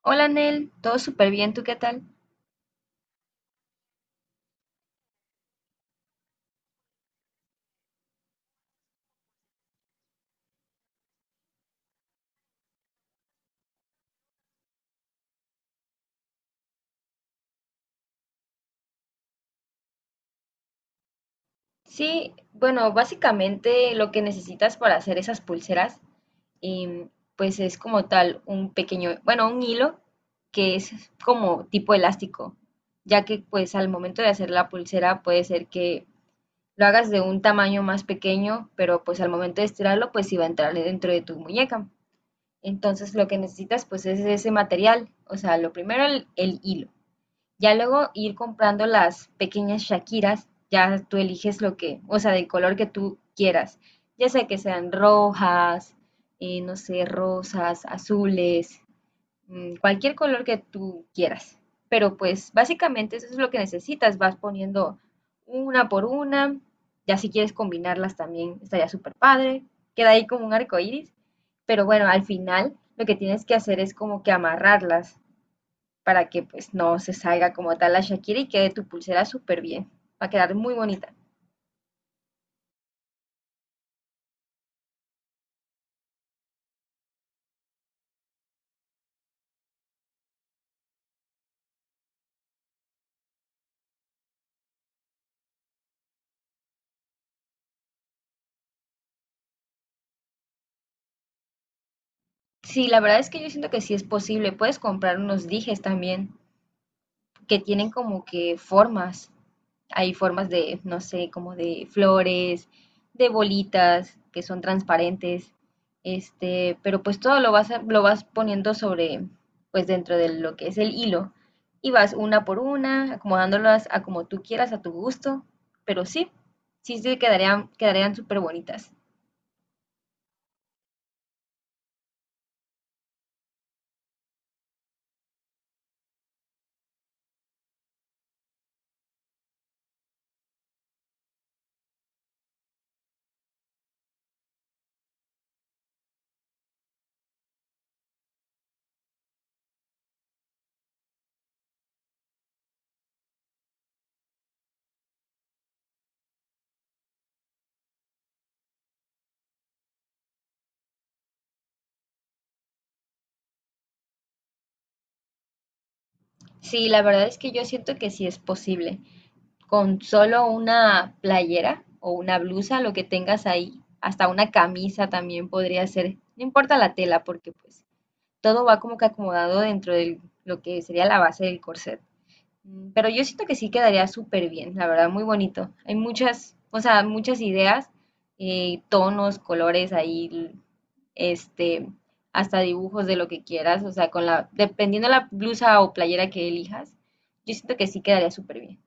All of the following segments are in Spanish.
Hola Nel, todo súper bien, ¿tú qué tal? Sí, bueno, básicamente lo que necesitas para hacer esas pulseras, em, pues es como tal un pequeño, bueno, un hilo que es como tipo elástico, ya que pues al momento de hacer la pulsera puede ser que lo hagas de un tamaño más pequeño, pero pues al momento de estirarlo pues iba a entrar dentro de tu muñeca. Entonces lo que necesitas pues es ese material, o sea, lo primero el hilo. Ya luego ir comprando las pequeñas shakiras, ya tú eliges lo que, o sea, del color que tú quieras, ya sea que sean rojas, no sé, rosas, azules, mm, cualquier color que tú quieras. Pero pues básicamente eso es lo que necesitas, vas poniendo una por una, ya si quieres combinarlas también estaría súper padre, queda ahí como un arco iris, pero bueno, al final lo que tienes que hacer es como que amarrarlas para que pues no se salga como tal la Shakira y quede tu pulsera súper bien. Va a quedar muy bonita. Sí, la verdad es que yo siento que sí es posible. Puedes comprar unos dijes también que tienen como que formas. Hay formas de, no sé, como de flores, de bolitas que son transparentes, este, pero pues todo lo vas, lo vas poniendo sobre, pues dentro de lo que es el hilo y vas una por una, acomodándolas a como tú quieras, a tu gusto, pero sí, sí, sí quedarían, quedarían súper bonitas. Sí, la verdad es que yo siento que sí es posible. Con solo una playera o una blusa, lo que tengas ahí, hasta una camisa también podría ser, no importa la tela, porque pues todo va como que acomodado dentro de lo que sería la base del corset. Mm, pero yo siento que sí quedaría súper bien, la verdad, muy bonito. Hay muchas, o sea, muchas ideas, tonos, colores ahí, este, hasta dibujos de lo que quieras, o sea, con la, dependiendo la blusa o playera que elijas, yo siento que sí quedaría súper bien.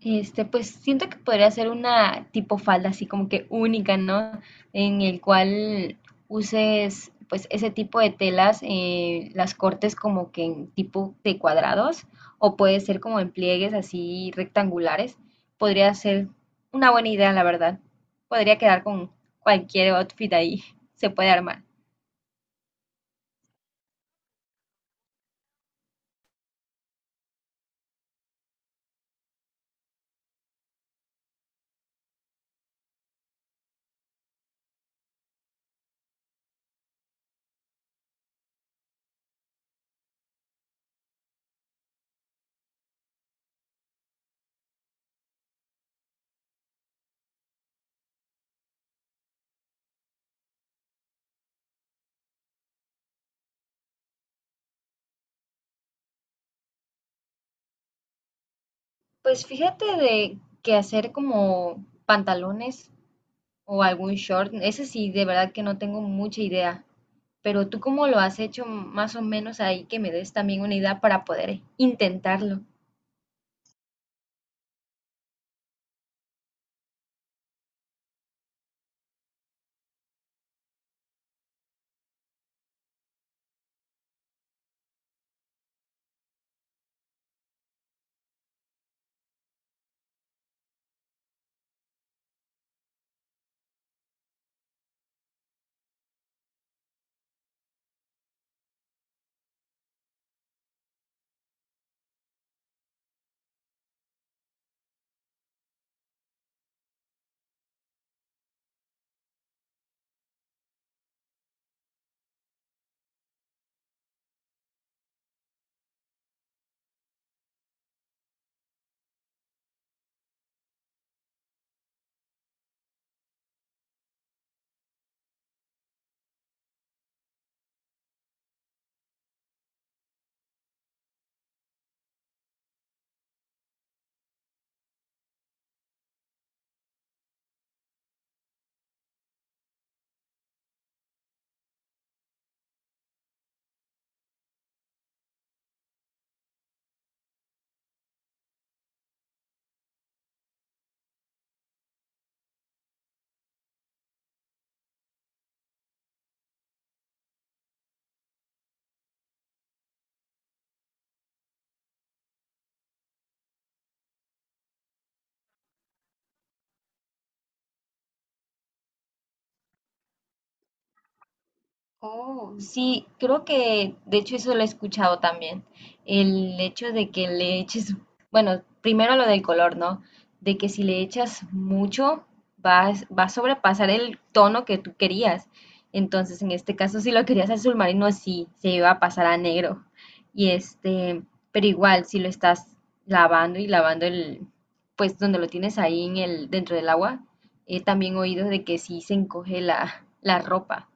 Este, pues siento que podría ser una tipo falda así como que única, ¿no? En el cual uses pues ese tipo de telas, las cortes como que en tipo de cuadrados o puede ser como en pliegues así rectangulares. Podría ser una buena idea, la verdad. Podría quedar con cualquier outfit ahí, se puede armar. Pues fíjate de que hacer como pantalones o algún short, ese sí, de verdad que no tengo mucha idea. Pero tú cómo lo has hecho más o menos ahí que me des también una idea para poder intentarlo. Sí, creo que de hecho eso lo he escuchado también. El hecho de que le eches, bueno, primero lo del color, ¿no? De que si le echas mucho, vas, va a sobrepasar el tono que tú querías. Entonces, en este caso, si lo querías azul marino, sí, se iba a pasar a negro. Y este, pero igual, si lo estás lavando y lavando el, pues donde lo tienes ahí en el, dentro del agua, he también oído de que sí se encoge la, la ropa.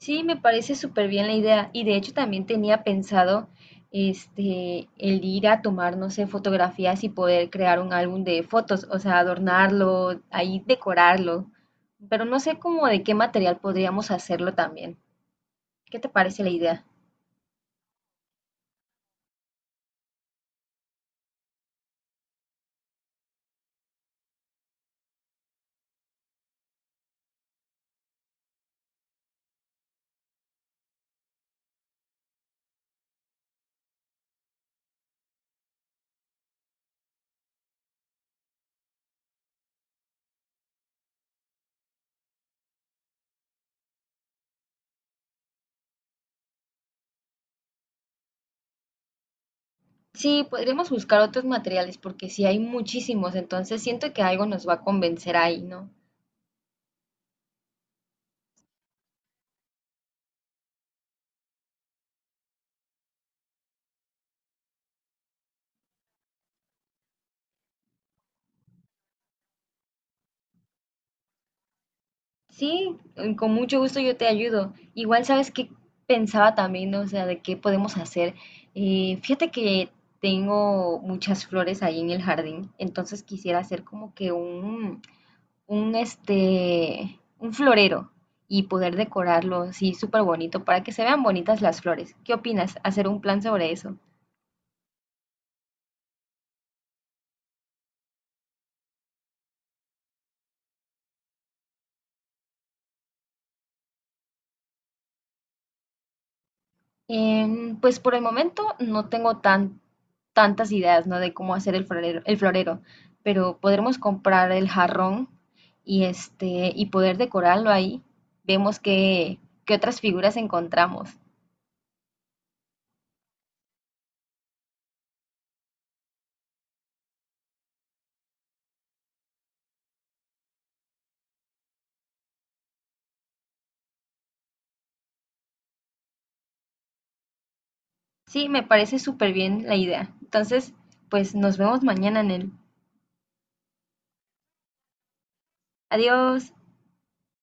Sí, me parece súper bien la idea. Y de hecho también tenía pensado este el ir a tomar, no sé, fotografías y poder crear un álbum de fotos, o sea, adornarlo, ahí decorarlo. Pero no sé cómo de qué material podríamos hacerlo también. ¿Qué te parece la idea? Sí, podríamos buscar otros materiales porque sí hay muchísimos, entonces siento que algo nos va a convencer ahí, ¿no? Sí, con mucho gusto yo te ayudo. Igual sabes que pensaba también, ¿no? O sea, de qué podemos hacer. Fíjate que tengo muchas flores ahí en el jardín, entonces quisiera hacer como que un este, un florero y poder decorarlo, sí, súper bonito, para que se vean bonitas las flores. ¿Qué opinas? Hacer un plan sobre eso. Pues por el momento no tengo tan, tantas ideas, ¿no? De cómo hacer el florero, pero podremos comprar el jarrón y este y poder decorarlo ahí. Vemos qué, qué otras figuras encontramos. Sí, me parece súper bien la idea. Entonces, pues nos vemos mañana en el. Adiós.